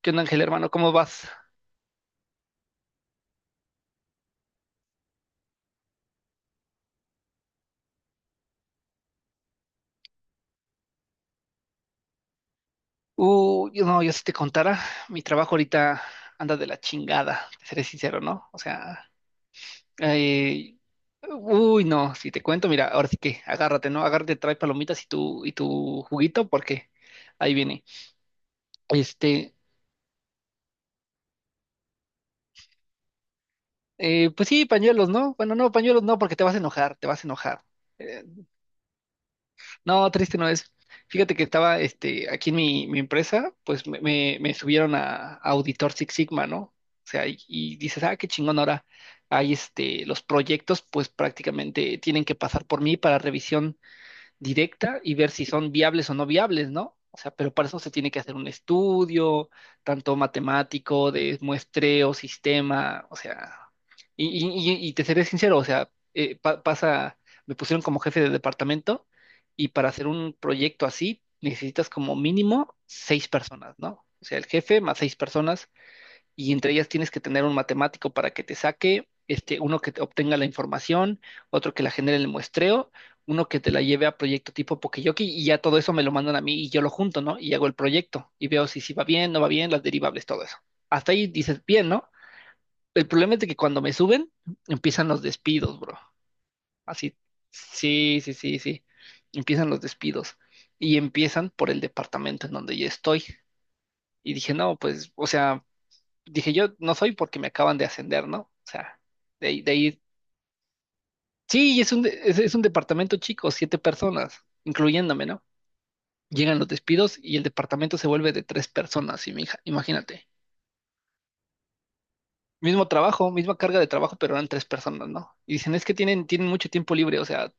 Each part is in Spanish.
¿Qué onda, Ángel, hermano? ¿Cómo vas? Yo si te contara, mi trabajo ahorita anda de la chingada, te seré sincero, ¿no? O sea, eh, uy, no, si te cuento, mira, ahora sí que agárrate, ¿no? Agárrate, trae palomitas y tu juguito, porque ahí viene. Este, pues sí, pañuelos, ¿no? Bueno, no, pañuelos no, porque te vas a enojar, te vas a enojar. Eh, No, triste no es. Fíjate que estaba aquí en mi empresa, pues me subieron a Auditor Six Sigma, ¿no? O sea, y dices, ah, qué chingón, ahora hay los proyectos, pues prácticamente tienen que pasar por mí para revisión directa y ver si son viables o no viables, ¿no? O sea, pero para eso se tiene que hacer un estudio, tanto matemático, de muestreo, sistema, o sea, y te seré sincero, o sea, pasa, me pusieron como jefe de departamento y para hacer un proyecto así necesitas como mínimo seis personas, ¿no? O sea, el jefe más seis personas y entre ellas tienes que tener un matemático para que te saque, uno que te obtenga la información, otro que la genere en el muestreo, uno que te la lleve a proyecto tipo Pokeyoki y ya todo eso me lo mandan a mí y yo lo junto, ¿no? Y hago el proyecto y veo si, si va bien, no va bien, las derivables, todo eso. Hasta ahí dices, bien, ¿no? El problema es de que cuando me suben, empiezan los despidos, bro. Así, sí, sí, sí, sí. Empiezan los despidos y empiezan por el departamento en donde yo estoy. Y dije, no, pues, o sea, dije yo no soy porque me acaban de ascender, ¿no? O sea, de ahí, de ahí, sí, es un, es un departamento chico, siete personas, incluyéndome, ¿no? Llegan los despidos y el departamento se vuelve de tres personas, y mi hija, imagínate. Mismo trabajo, misma carga de trabajo, pero eran tres personas, ¿no? Y dicen, es que tienen, tienen mucho tiempo libre, o sea,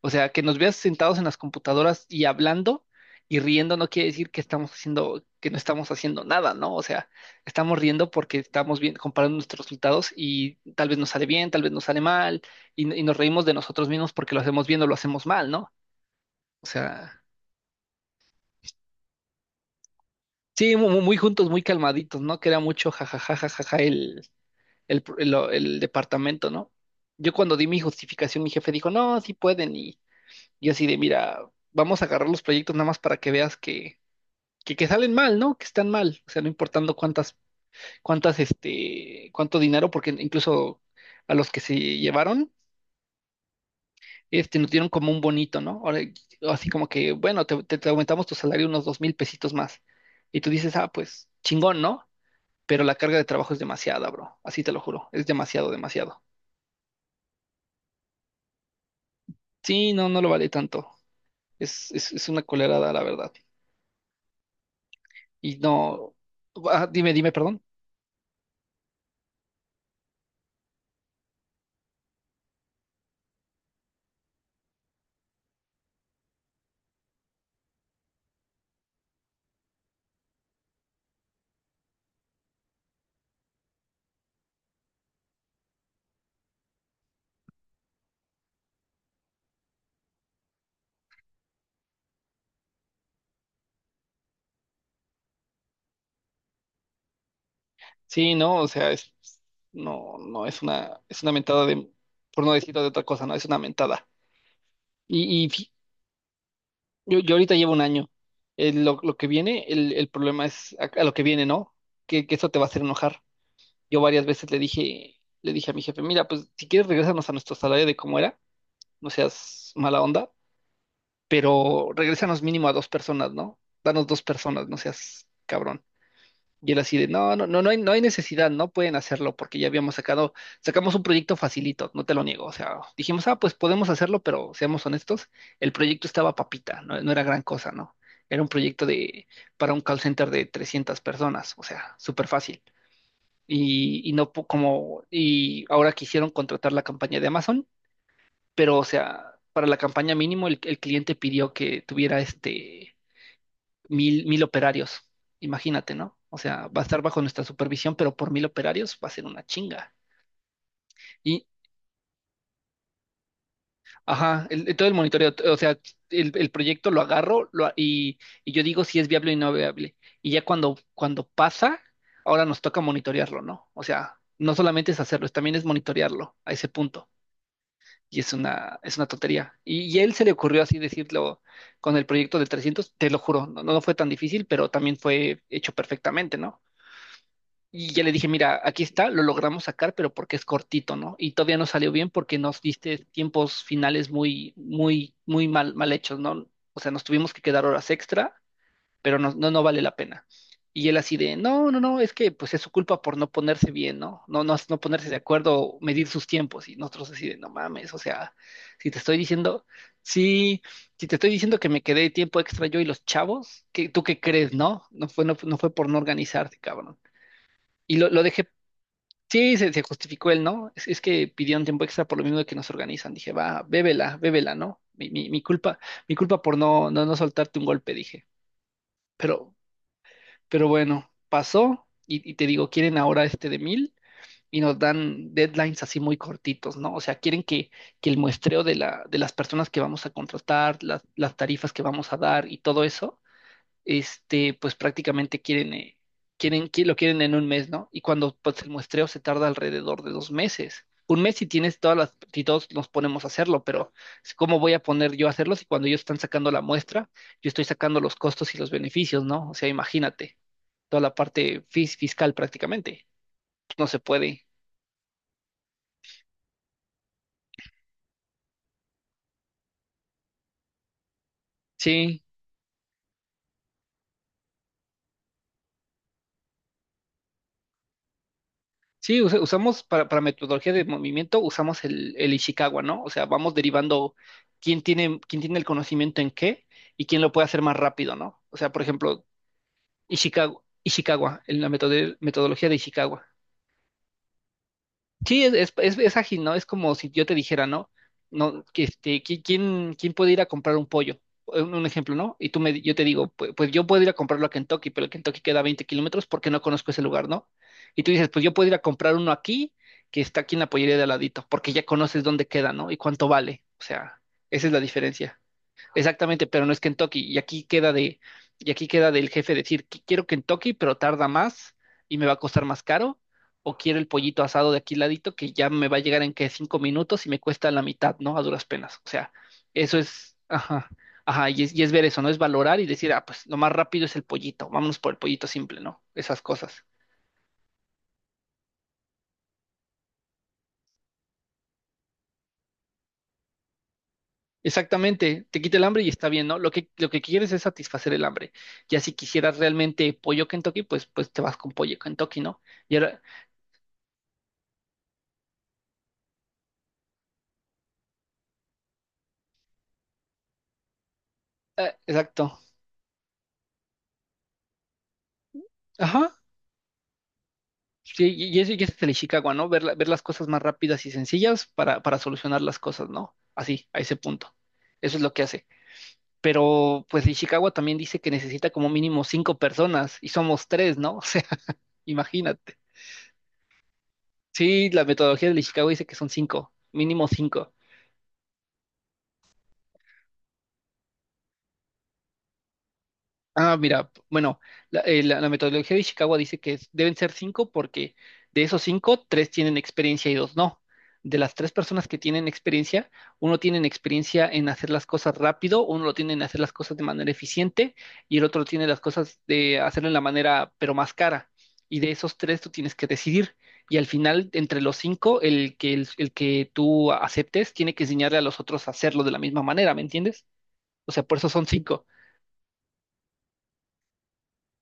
o sea, que nos veas sentados en las computadoras y hablando y riendo no quiere decir que estamos haciendo, que no estamos haciendo nada, ¿no? O sea, estamos riendo porque estamos bien, comparando nuestros resultados y tal vez nos sale bien, tal vez nos sale mal, y nos reímos de nosotros mismos porque lo hacemos bien o lo hacemos mal, ¿no? O sea, sí, muy, juntos, muy calmaditos, ¿no? Que era mucho jajaja, jajaja el departamento, ¿no? Yo cuando di mi justificación, mi jefe dijo, no, sí pueden, y yo así de, mira, vamos a agarrar los proyectos nada más para que veas que que salen mal, ¿no? Que están mal, o sea, no importando cuánto dinero, porque incluso a los que se llevaron, nos dieron como un bonito, ¿no? Ahora, así como que, bueno, te aumentamos tu salario unos 2000 pesitos más. Y tú dices, ah, pues, chingón, ¿no? Pero la carga de trabajo es demasiada, bro. Así te lo juro. Es demasiado, demasiado. Sí, no, no lo vale tanto. Es una colerada, la verdad. Y no. Ah, dime, dime, perdón. Sí, no, o sea, no, no, es una mentada de, por no decirlo de otra cosa, no, es una mentada. Y, y fi- yo ahorita llevo 1 año. Lo que viene, el problema es a lo que viene, ¿no? Que eso te va a hacer enojar. Yo varias veces le dije a mi jefe, mira, pues si quieres regresarnos a nuestro salario de cómo era, no seas mala onda, pero regrésanos mínimo a dos personas, ¿no? Danos dos personas, no seas cabrón. Y él así de, no, no, no, no hay necesidad, no pueden hacerlo porque ya habíamos sacado, sacamos un proyecto facilito, no te lo niego. O sea, dijimos, ah, pues podemos hacerlo, pero seamos honestos, el proyecto estaba papita, no, no era gran cosa, ¿no? Era un proyecto de, para un call center de 300 personas, o sea, súper fácil. Y no po- como, y ahora quisieron contratar la campaña de Amazon, pero o sea, para la campaña mínimo el cliente pidió que tuviera mil operarios. Imagínate, ¿no? O sea, va a estar bajo nuestra supervisión, pero por 1000 operarios va a ser una chinga. Y, ajá, todo el monitoreo, o sea, el proyecto lo agarro y yo digo si es viable o no viable. Y ya cuando pasa, ahora nos toca monitorearlo, ¿no? O sea, no solamente es hacerlo, también es monitorearlo a ese punto. Y es una tontería. Y a él se le ocurrió así decirlo con el proyecto de 300 te lo juro, no, no fue tan difícil, pero también fue hecho perfectamente, ¿no? Y ya le dije, mira, aquí está, lo logramos sacar, pero porque es cortito, ¿no? Y todavía no salió bien porque nos diste tiempos finales muy, muy, muy mal, mal hechos, ¿no? O sea, nos tuvimos que quedar horas extra, pero no, no, no vale la pena. Y él así de, no, no, no, es que pues es su culpa por no ponerse bien, ¿no? No, no, no ponerse de acuerdo, medir sus tiempos. Y nosotros así de, no mames, o sea, si te estoy diciendo, sí, si te estoy diciendo que me quedé tiempo extra yo y los chavos, ¿qué, tú qué crees, no? No fue por no organizarse, cabrón. Lo dejé. Sí, se justificó él, ¿no? Es que pidió un tiempo extra por lo mismo de que nos organizan. Dije, va, bébela, bébela, ¿no? Mi culpa por no soltarte un golpe, dije. Pero, pero bueno, pasó y te digo, quieren ahora este de 1000 y nos dan deadlines así muy cortitos, ¿no? O sea, quieren que el muestreo de la, de las personas que vamos a contratar, las tarifas que vamos a dar y todo eso pues prácticamente quieren, lo quieren en 1 mes, ¿no? Y cuando pues, el muestreo se tarda alrededor de 2 meses. 1 mes si tienes todas las, si todos nos ponemos a hacerlo, pero ¿cómo voy a poner yo a hacerlo si cuando ellos están sacando la muestra, yo estoy sacando los costos y los beneficios, ¿no? O sea, imagínate, toda la parte fiscal prácticamente. No se puede. Sí. Sí, usamos para metodología de movimiento, usamos el Ishikawa, ¿no? O sea, vamos derivando quién tiene el conocimiento en qué y quién lo puede hacer más rápido, ¿no? O sea, por ejemplo, Ishikawa, Ishikawa, en la metodología de Ishikawa. Sí, es ágil, ¿no? Es como si yo te dijera, ¿no? No, que este, ¿quién, quién puede ir a comprar un pollo? Un ejemplo, ¿no? Y tú me, yo te digo, pues, pues yo puedo ir a comprarlo a Kentucky, pero el Kentucky queda a 20 kilómetros porque no conozco ese lugar, ¿no? Y tú dices, pues yo puedo ir a comprar uno aquí, que está aquí en la pollería de al ladito, porque ya conoces dónde queda, ¿no? Y cuánto vale. O sea, esa es la diferencia. Exactamente, pero no es Kentucky. Y aquí queda de, y aquí queda del jefe decir, quiero Kentucky, pero tarda más y me va a costar más caro, o quiero el pollito asado de aquí ladito que ya me va a llegar en que 5 minutos y me cuesta la mitad, ¿no? A duras penas. O sea, eso es, ajá, ajá, y es ver eso, ¿no? Es valorar y decir, ah, pues lo más rápido es el pollito, vámonos por el pollito simple, ¿no? Esas cosas. Exactamente, te quita el hambre y está bien, ¿no? Lo que quieres es satisfacer el hambre. Ya si quisieras realmente pollo Kentucky, pues, pues te vas con pollo Kentucky, ¿no? Y ahora, eh, exacto. Ajá. Sí, y eso y ese es el Ishikawa, ¿no? Ver, ver las cosas más rápidas y sencillas para solucionar las cosas, ¿no? Así, a ese punto. Eso es lo que hace. Pero pues Ishikawa también dice que necesita como mínimo cinco personas y somos tres, ¿no? O sea, imagínate. Sí, la metodología del Ishikawa dice que son cinco, mínimo cinco. Ah, mira, bueno, la metodología de Ishikawa dice que deben ser cinco porque de esos cinco, tres tienen experiencia y dos no. De las tres personas que tienen experiencia, uno tiene experiencia en hacer las cosas rápido, uno lo tiene en hacer las cosas de manera eficiente y el otro tiene las cosas de hacerlo en la manera pero más cara. Y de esos tres tú tienes que decidir. Y al final, entre los cinco, el que tú aceptes tiene que enseñarle a los otros a hacerlo de la misma manera, ¿me entiendes? O sea, por eso son cinco.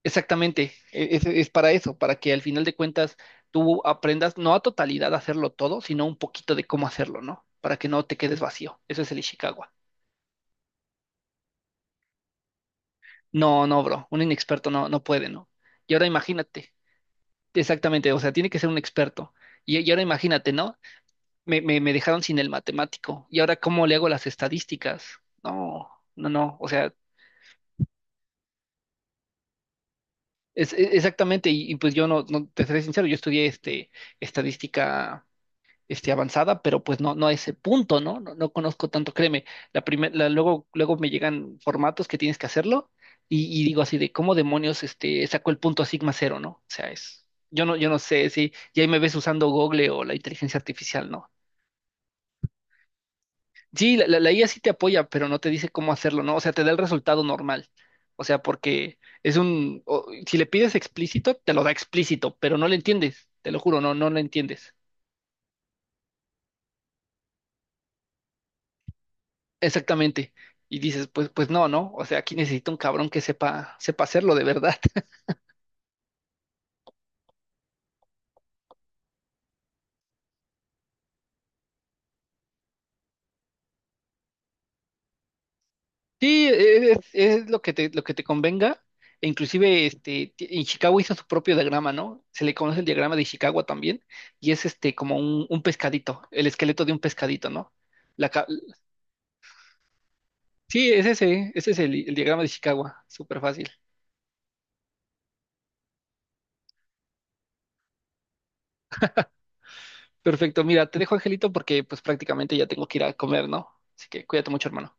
Exactamente, es para eso, para que al final de cuentas tú aprendas no a totalidad a hacerlo todo, sino un poquito de cómo hacerlo, ¿no? Para que no te quedes vacío. Eso es el Ishikawa. No, no, bro, un inexperto no, no puede, ¿no? Y ahora imagínate, exactamente, o sea, tiene que ser un experto. Y ahora imagínate, ¿no? Me dejaron sin el matemático. ¿Y ahora cómo le hago las estadísticas? No, no, no, o sea, exactamente, y pues yo no, no, te seré sincero, yo estudié estadística avanzada, pero pues no, no a ese punto, ¿no? No, no conozco tanto, créeme. Luego, luego me llegan formatos que tienes que hacerlo y digo así de cómo demonios sacó el punto a sigma cero, ¿no? O sea, es, yo no, yo no sé si ya ahí me ves usando Google o la inteligencia artificial, ¿no? Sí, la IA sí te apoya, pero no te dice cómo hacerlo, ¿no? O sea, te da el resultado normal. O sea, porque es un, si le pides explícito, te lo da explícito, pero no lo entiendes, te lo juro, no, no lo entiendes. Exactamente. Y dices, pues, pues no, ¿no? O sea, aquí necesito un cabrón que sepa, sepa hacerlo de verdad. Sí, es lo que te convenga. E inclusive, en Chicago hizo su propio diagrama, ¿no? Se le conoce el diagrama de Chicago también, y es este como un pescadito, el esqueleto de un pescadito, ¿no? La, ca- sí, es ese, ese es el diagrama de Chicago, súper fácil. Perfecto, mira, te dejo, Angelito, porque pues prácticamente ya tengo que ir a comer, ¿no? Así que cuídate mucho, hermano.